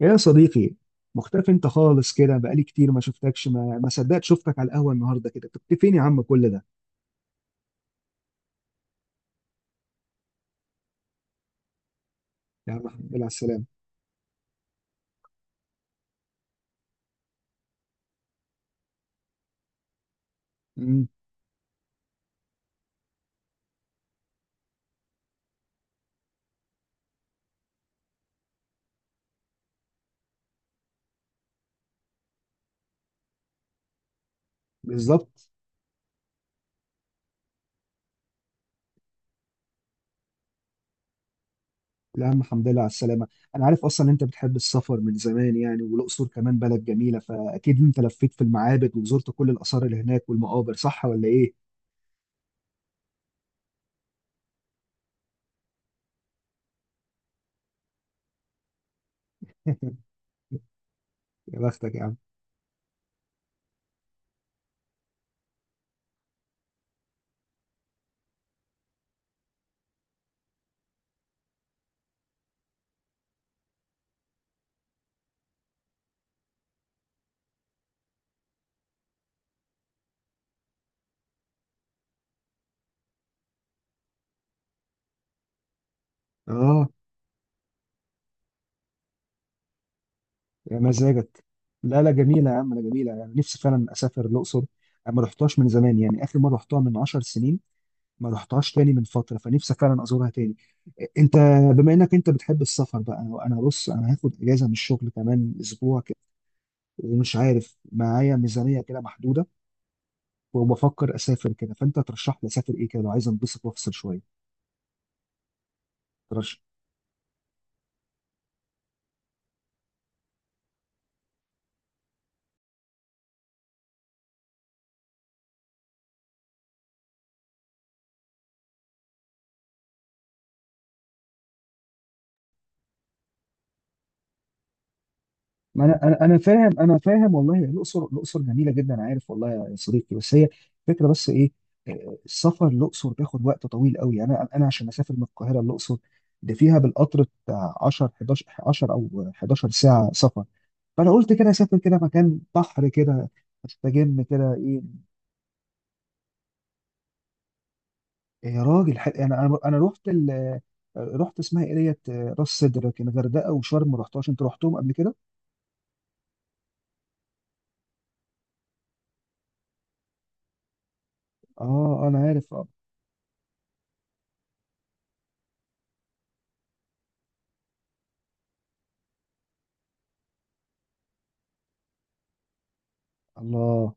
يا صديقي، مختفي انت خالص كده. بقالي كتير ما شفتكش. ما صدقت شفتك على القهوه النهارده كده. كنت فين يا عم كل ده؟ يا عم الحمد لله على السلامه. امم. بالظبط. يا عم الحمد لله على السلامه. انا عارف اصلا انت بتحب السفر من زمان يعني، والاقصر كمان بلد جميله، فاكيد انت لفيت في المعابد وزرت كل الاثار اللي هناك والمقابر، صح ولا ايه؟ يا بختك يا عم. اه. يا مزاجك. لا لا جميله يا عم، لا جميله، يعني نفسي فعلا اسافر الاقصر. انا ما رحتهاش من زمان يعني، اخر مره رحتها من 10 سنين. ما رحتهاش تاني من فتره، فنفسي فعلا ازورها تاني. انت بما انك انت بتحب السفر بقى، انا بص انا هاخد اجازه من الشغل كمان اسبوع كده. ومش عارف، معايا ميزانيه كده محدوده، وبفكر اسافر كده، فانت ترشح لي اسافر ايه كده لو عايز انبسط وافصل شويه. ما انا فاهم، انا فاهم والله. الاقصر الاقصر جميله جدا، عارف والله يا صديقي، بس هي فكره، بس ايه، السفر الاقصر بياخد وقت طويل قوي. انا عشان اسافر من القاهره الاقصر ده فيها بالقطر بتاع 10 11 10 او 11 ساعه سفر. فانا قلت كده اسافر كده مكان بحر كده، استجم كده ايه. يا راجل، يعني انا رحت ال آه، رحت اسمها ايه ديت، راس سدر. لكن الغردقه وشرم ما رحتهاش. انت رحتهم قبل كده؟ اه انا عارف. الله.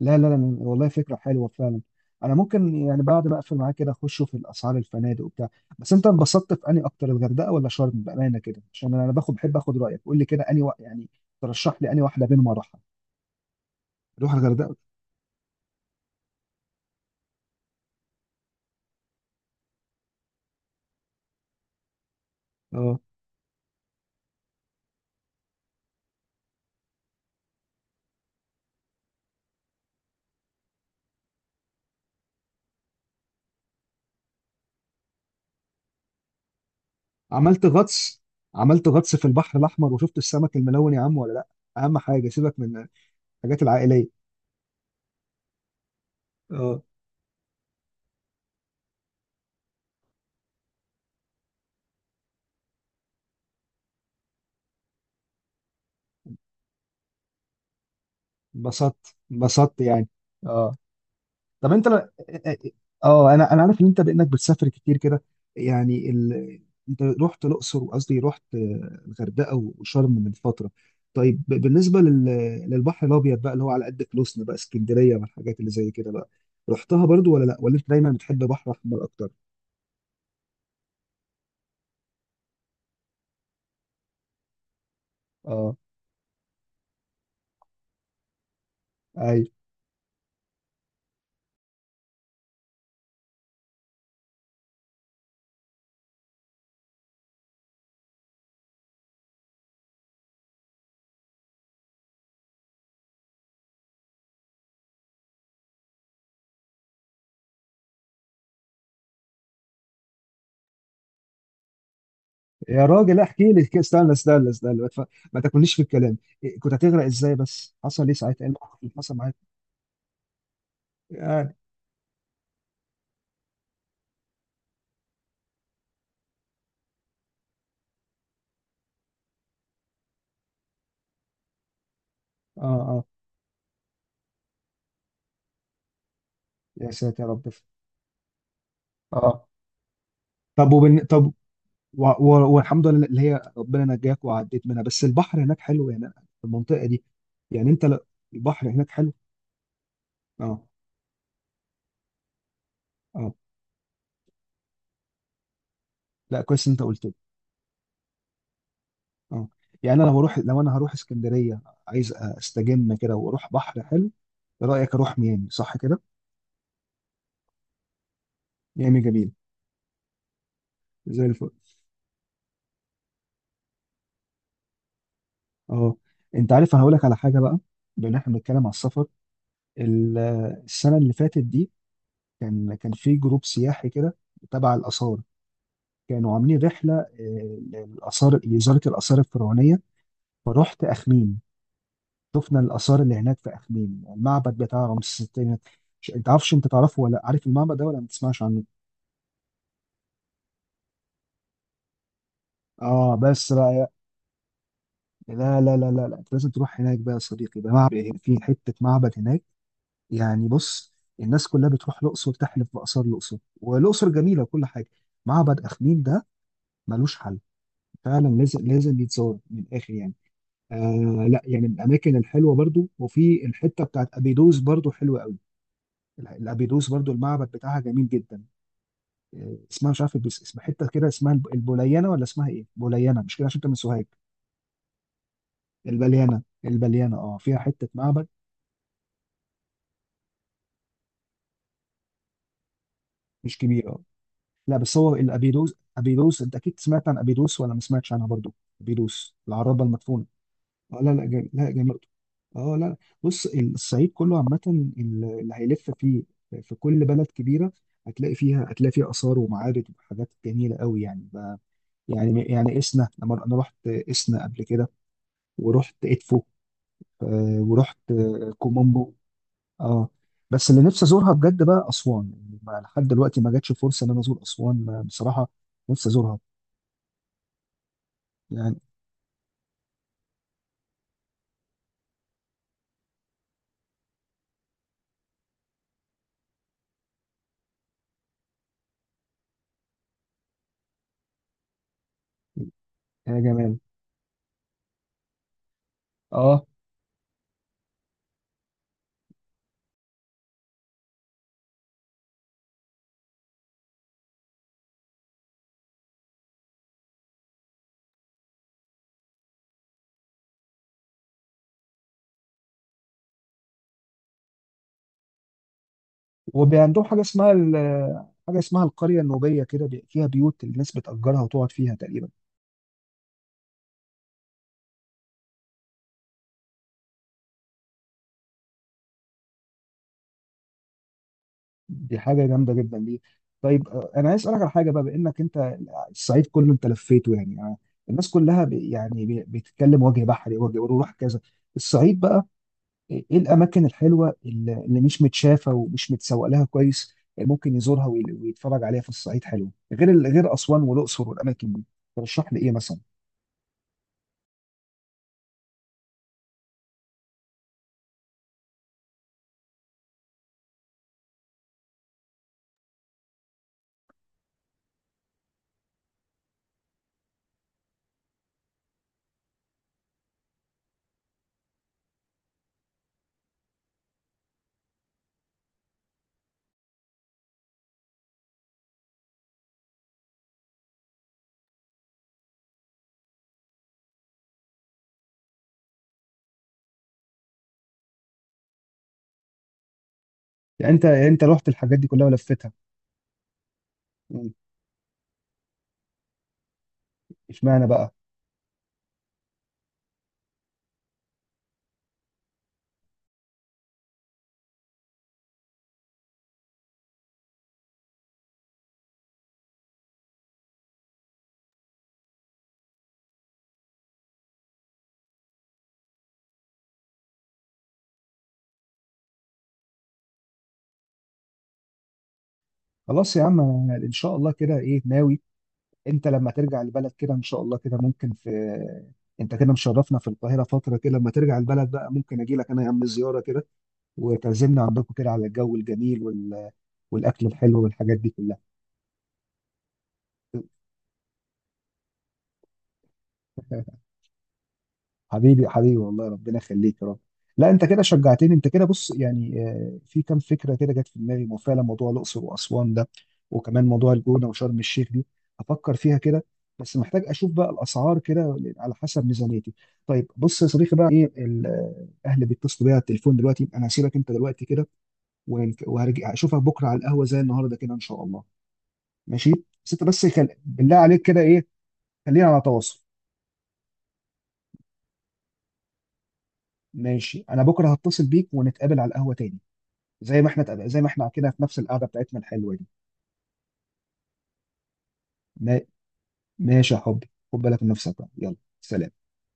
لا لا لا والله فكرة حلوة فعلا. أنا ممكن يعني بعد ما أقفل معاك كده أخشوا في الأسعار الفنادق وبتاع. بس أنت انبسطت في أنهي أكتر، الغردقة ولا شرم، بأمانة كده، عشان أنا باخد بحب آخد رأيك. قول لي كده أنهي يعني ترشح لي أنهي واحدة بينهم أروحها. أروح الغردقة؟ أه. عملت غطس، عملت غطس في البحر الأحمر وشفت السمك الملون يا عم ولا لأ؟ أهم حاجة سيبك من الحاجات العائلية. أه. انبسطت، انبسطت يعني. أه. طب اه انا عارف ان انت بانك بتسافر كتير كده، يعني ال... انت رحت الاقصر، وقصدي رحت الغردقه وشرم من فتره. طيب بالنسبه لل... للبحر الابيض بقى اللي هو على قد فلوسنا بقى، اسكندريه والحاجات اللي زي كده بقى، رحتها برضو ولا لا، ولا انت دايما بتحب بحر احمر اكتر؟ اه ايوه. يا راجل احكي لي كده، استنى استنى استنى، ما تاكلنيش في الكلام. كنت هتغرق ازاي؟ بس حصل ايه ساعتها، ايه الموقف اللي حصل معاك؟ يعني اه اه. يا ساتر يا رب. اه. طب والحمد لله اللي هي ربنا نجاك وعديت منها، بس البحر هناك حلو يعني في المنطقه دي. يعني انت ل- البحر هناك حلو. اه. اه. لا كويس إن انت قلت لي. اه. يعني انا لو بروح، لو انا هروح اسكندريه، عايز استجم كده واروح بحر حلو. إيه رايك اروح ميامي، صح كده؟ ميامي جميل. زي الفل. اه. انت عارف انا هقول لك على حاجه بقى، بما ان احنا بنتكلم على السفر، ال- السنه اللي فاتت دي كان كان في جروب سياحي كده تبع الاثار. كانوا عاملين رحله للاثار لوزاره الاثار الفرعونيه. فرحت اخميم، شفنا الاثار اللي هناك في اخميم، المعبد بتاع رمسيس الثاني. انت عارفش، انت تعرفه ولا عارف المعبد ده ولا ما تسمعش عنه؟ اه بس بقى. لا لا لا لا لا، انت لازم تروح هناك بقى يا صديقي. ده معبد في حته، معبد هناك يعني. بص، الناس كلها بتروح الاقصر تحلف باثار الاقصر، والاقصر جميله وكل حاجه، معبد اخميم ده ملوش حل. فعلا لازم لازم يتزور من الاخر يعني. آه لا يعني من الاماكن الحلوه برضو. وفي الحته بتاعت ابيدوس برضو حلوه قوي. الابيدوس برضو المعبد بتاعها جميل جدا. آه اسمها مش عارف، بس اسم حته كده اسمها البوليانه ولا اسمها ايه؟ بوليانه مش كده؟ عشان انت من سوهاج. البليانه البليانه اه، فيها حته معبد. مش كبير. اه. لا بس هو الابيدوس، ابيدوس انت اكيد سمعت عن ابيدوس ولا ما سمعتش عنها برضو؟ ابيدوس العرابه المدفونه. اه لا لا لا جميل. اه. لا بص الصعيد كله عامة، اللي هيلف فيه في كل بلد كبيرة هتلاقي فيها، هتلاقي فيها آثار ومعابد وحاجات جميلة قوي. يعني ب... يعني إسنا، لما أنا رحت إسنا قبل كده ورحت إدفو، ورحت كومومبو. اه. بس اللي نفسي أزورها بجد بقى أسوان. يعني لحد دلوقتي ما جاتش فرصة إن أنا أزور أسوان. بصراحة نفسي أزورها. يعني يا جمال. اه. وبي عندهم حاجه اسمها حاجه اسمها القريه النوبيه كده، فيها بيوت الناس بتأجرها وتقعد فيها تقريبا. دي حاجه جامده جدا دي. طيب انا عايز اسالك على حاجه بقى. بانك انت الصعيد كله انت لفيته يعني، الناس كلها بتتكلم وجه بحري، وجه وروح كذا. الصعيد بقى ايه الاماكن الحلوه اللي اللي مش متشافه ومش متسوق لها كويس، ممكن يزورها ويتفرج عليها في الصعيد، حلو غير غير اسوان والاقصر والاماكن دي؟ ترشح لي ايه مثلا؟ يعني انت، يعني انت رحت الحاجات دي كلها ولفتها؟ اشمعنى بقى. خلاص يا عم أنا ان شاء الله كده ايه ناوي. انت لما ترجع البلد كده ان شاء الله كده ممكن في، انت كده مشرفنا في القاهره فتره كده، لما ترجع البلد بقى ممكن اجي لك انا يا عم زياره كده، وتعزمنا عندكم كده على الجو الجميل وال... والاكل الحلو والحاجات دي كلها. حبيبي حبيبي والله ربنا يخليك يا رب. لا انت كده شجعتني، انت كده بص يعني، في كام فكره كده جت في دماغي، مو فعلا موضوع الاقصر واسوان ده، وكمان موضوع الجونه وشرم الشيخ دي، افكر فيها كده. بس محتاج اشوف بقى الاسعار كده على حسب ميزانيتي. طيب بص يا صديقي بقى ايه الاهل بيتصلوا بيا على التليفون دلوقتي، انا هسيبك انت دلوقتي كده، وهرجع اشوفك بكره على القهوه زي النهارده كده ان شاء الله. ماشي. بس انت بس بالله عليك كده ايه، خلينا على تواصل. ماشي، انا بكره هتصل بيك ونتقابل على القهوه تاني، زي ما احنا زي ما احنا كده في نفس القعده بتاعتنا الحلوه دي. ما- ماشي يا حبي، خد بالك من نفسك بقى يلا، سلام.